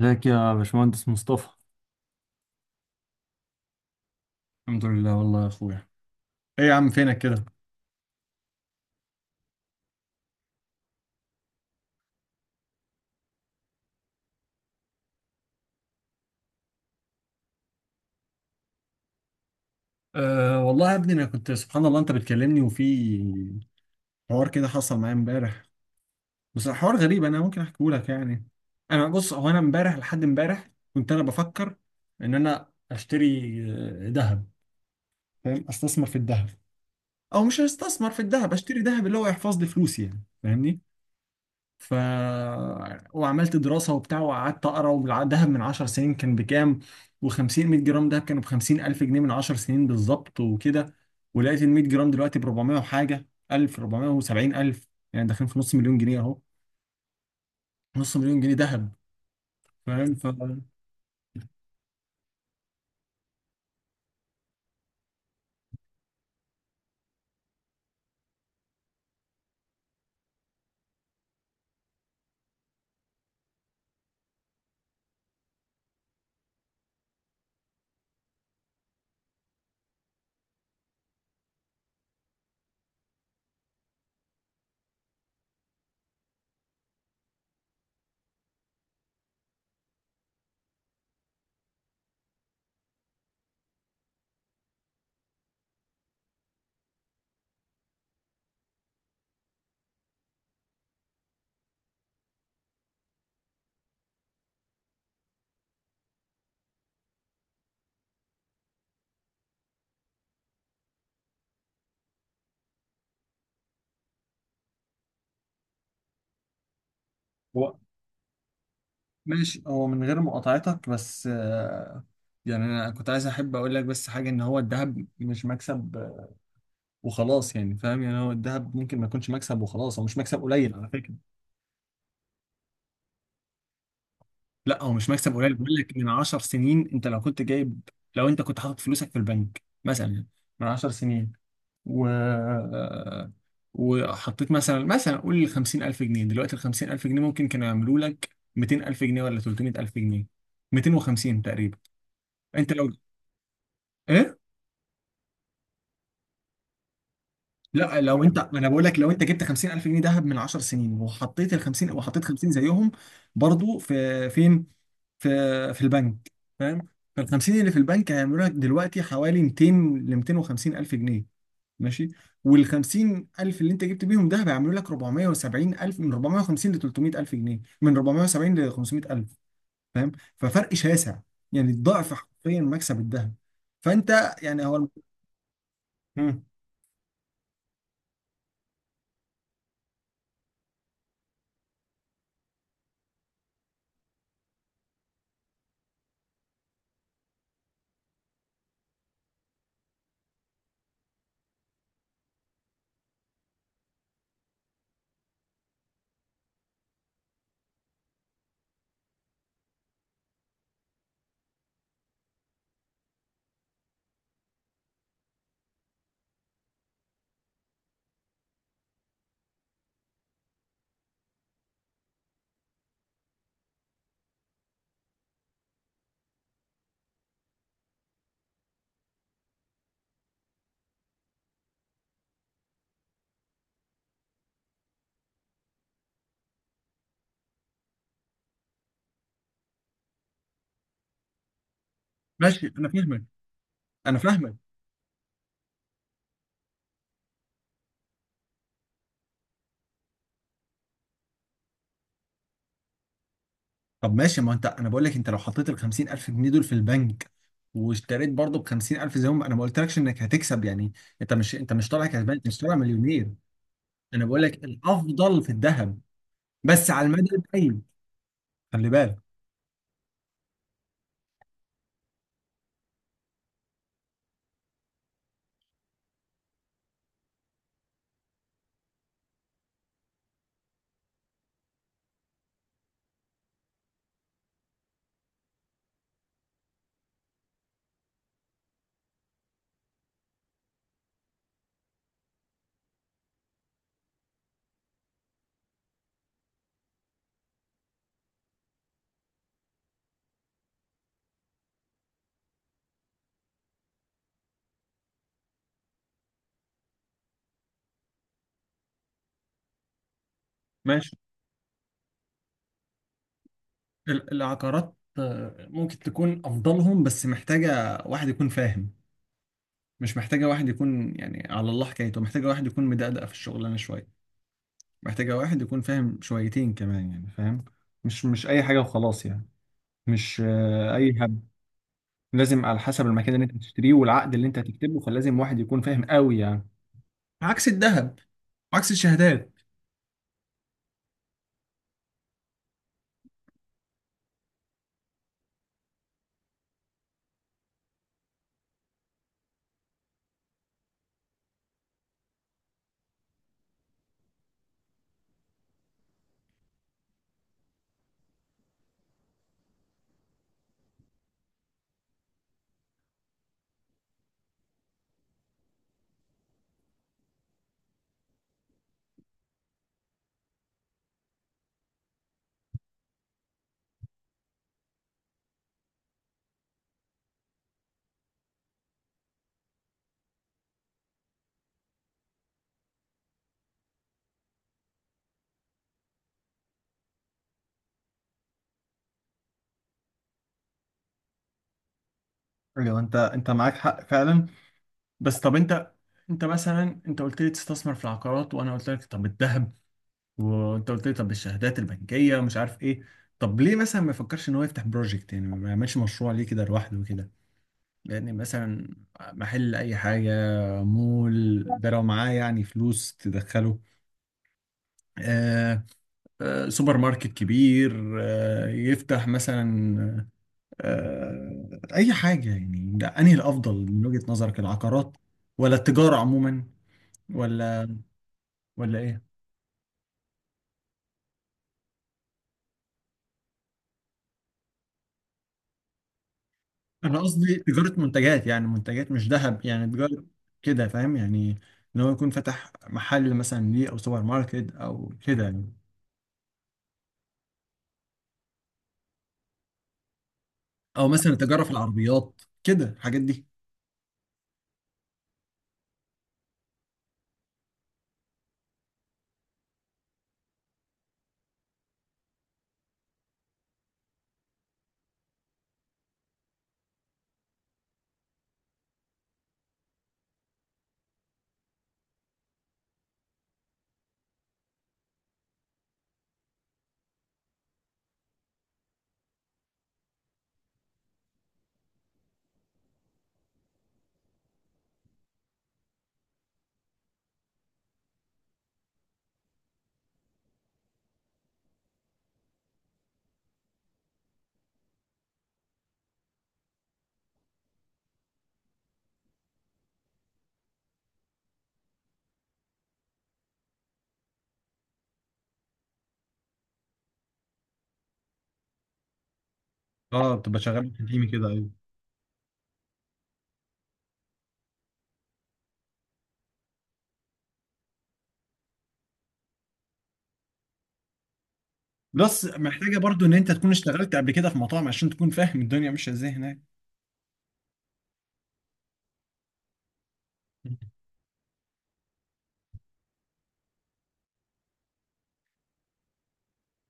ازيك يا باشمهندس مصطفى؟ الحمد لله والله يا اخويا. ايه يا عم فينك كده؟ أه والله يا ابني، انا كنت سبحان الله انت بتكلمني وفي حوار كده حصل معايا امبارح، بس حوار غريب انا ممكن احكيه لك يعني. انا بص، هو انا امبارح لحد امبارح كنت انا بفكر ان انا اشتري ذهب، فاهم؟ استثمر في الذهب او مش هستثمر في الذهب، اشتري ذهب اللي هو يحفظ لي فلوسي يعني، فاهمني؟ ف وعملت دراسة وبتاع وقعدت أقرأ، والذهب من 10 سنين كان بكام؟ و50، 100 جرام دهب كانوا ب 50000 جنيه من 10 سنين بالظبط وكده. ولقيت ال 100 جرام دلوقتي ب 400 وحاجة، 1000، 470,000، يعني داخلين في نص مليون جنيه أهو، نص مليون جنيه دهب، فاهم؟ هو ماشي، هو من غير مقاطعتك بس يعني انا كنت عايز احب اقول لك بس حاجه، ان هو الذهب مش مكسب وخلاص، يعني فاهم؟ يعني هو الذهب ممكن ما يكونش مكسب وخلاص، هو مش مكسب قليل على فكره. لا، هو مش مكسب قليل، بقول لك من 10 سنين انت لو كنت جايب، لو انت كنت حاطط فلوسك في البنك مثلا من 10 سنين و وحطيت مثلا قول 50000 جنيه، دلوقتي ال 50000 جنيه ممكن كانوا يعملوا لك 200,000 جنيه ولا 300,000 جنيه، 250 تقريبا. انت لو ايه؟ لا، لو انت، ما انا بقول لك لو انت جبت 50000 جنيه دهب من 10 سنين وحطيت ال 50، وحطيت 50 زيهم برضو في فين في في البنك، فاهم؟ فال 50 اللي في البنك هيعملوا لك دلوقتي حوالي 200 ل 250 الف جنيه، ماشي؟ وال 50 الف اللي انت جبت بيهم ده هيعملوا لك 470 الف، من 450 ل 300 الف جنيه، من 470 ل 500 الف، فاهم؟ ففرق شاسع، يعني الضعف حرفيا مكسب الذهب. فانت يعني هو. مم. ماشي، انا فاهمك، انا فاهمك. طب ماشي، ما انت انا بقول لك انت لو حطيت ال 50000 جنيه دول في البنك واشتريت برضه ب 50,000 زي ما انا، ما قلتلكش انك هتكسب يعني، انت مش طالع كسبان، انت مش طالع مليونير. انا بقول لك الافضل في الذهب، بس على المدى البعيد، خلي بالك. ماشي. العقارات ممكن تكون افضلهم، بس محتاجه واحد يكون فاهم، مش محتاجه واحد يكون يعني على الله حكايته، محتاجه واحد يكون مدقدق في الشغلانه شويه، محتاجه واحد يكون فاهم شويتين كمان يعني، فاهم؟ مش اي حاجه وخلاص يعني، مش اي، لازم على حسب المكان اللي انت بتشتريه والعقد اللي انت هتكتبه، فلازم واحد يكون فاهم قوي يعني، عكس الذهب، عكس الشهادات. ايوه، انت معاك حق فعلا. بس طب انت، انت مثلا، انت قلت لي تستثمر في العقارات وانا قلت لك طب الذهب، وانت قلت لي طب الشهادات البنكيه ومش عارف ايه. طب ليه مثلا ما يفكرش ان هو يفتح بروجكت، يعني ما يعملش مشروع ليه كده لوحده كده؟ يعني مثلا محل اي حاجه، مول، ده لو معاه يعني فلوس تدخله، آه، سوبر ماركت كبير يفتح مثلا، أي حاجة يعني. ده أنهي الأفضل من وجهة نظرك؟ العقارات ولا التجارة عموما ولا ولا إيه؟ أنا قصدي تجارة منتجات، يعني منتجات مش ذهب، يعني تجارة كده، فاهم يعني؟ إن هو يكون فتح محل مثلا ليه أو سوبر ماركت أو كده يعني، أو مثلا تجارة في العربيات كده، الحاجات دي. اه، بتبقى شغال في تيمي كده، ايوه. بلس محتاجه برضو ان انت تكون اشتغلت قبل كده في مطاعم عشان تكون فاهم الدنيا ماشيه ازاي هناك.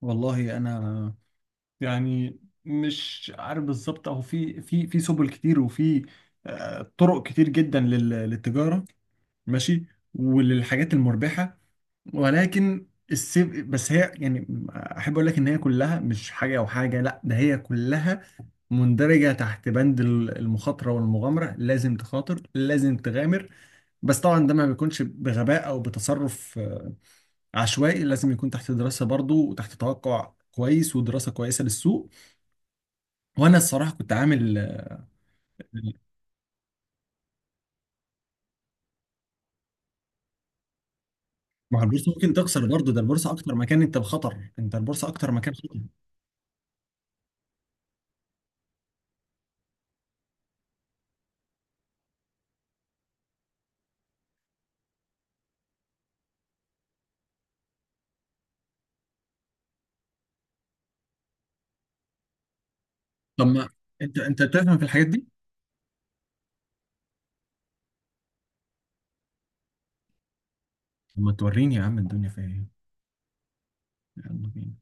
والله انا يعني مش عارف بالظبط، اهو في سبل كتير، وفي طرق كتير جدا للتجاره، ماشي، وللحاجات المربحه، ولكن السيف بس هي، يعني احب اقول لك ان هي كلها مش حاجه او حاجه لا، ده هي كلها مندرجه تحت بند المخاطره والمغامره، لازم تخاطر، لازم تغامر. بس طبعا ده ما بيكونش بغباء او بتصرف عشوائي، لازم يكون تحت دراسة برضو وتحت توقع كويس ودراسة كويسة للسوق. وانا الصراحة كنت عامل. ما هو البورصة ممكن تخسر برضو، ده البورصة اكتر مكان انت بخطر، انت البورصة اكتر مكان خطر. طب ما انت بتفهم في الحاجات دي؟ طب ما توريني يا عم الدنيا فيها ايه. يلا بينا.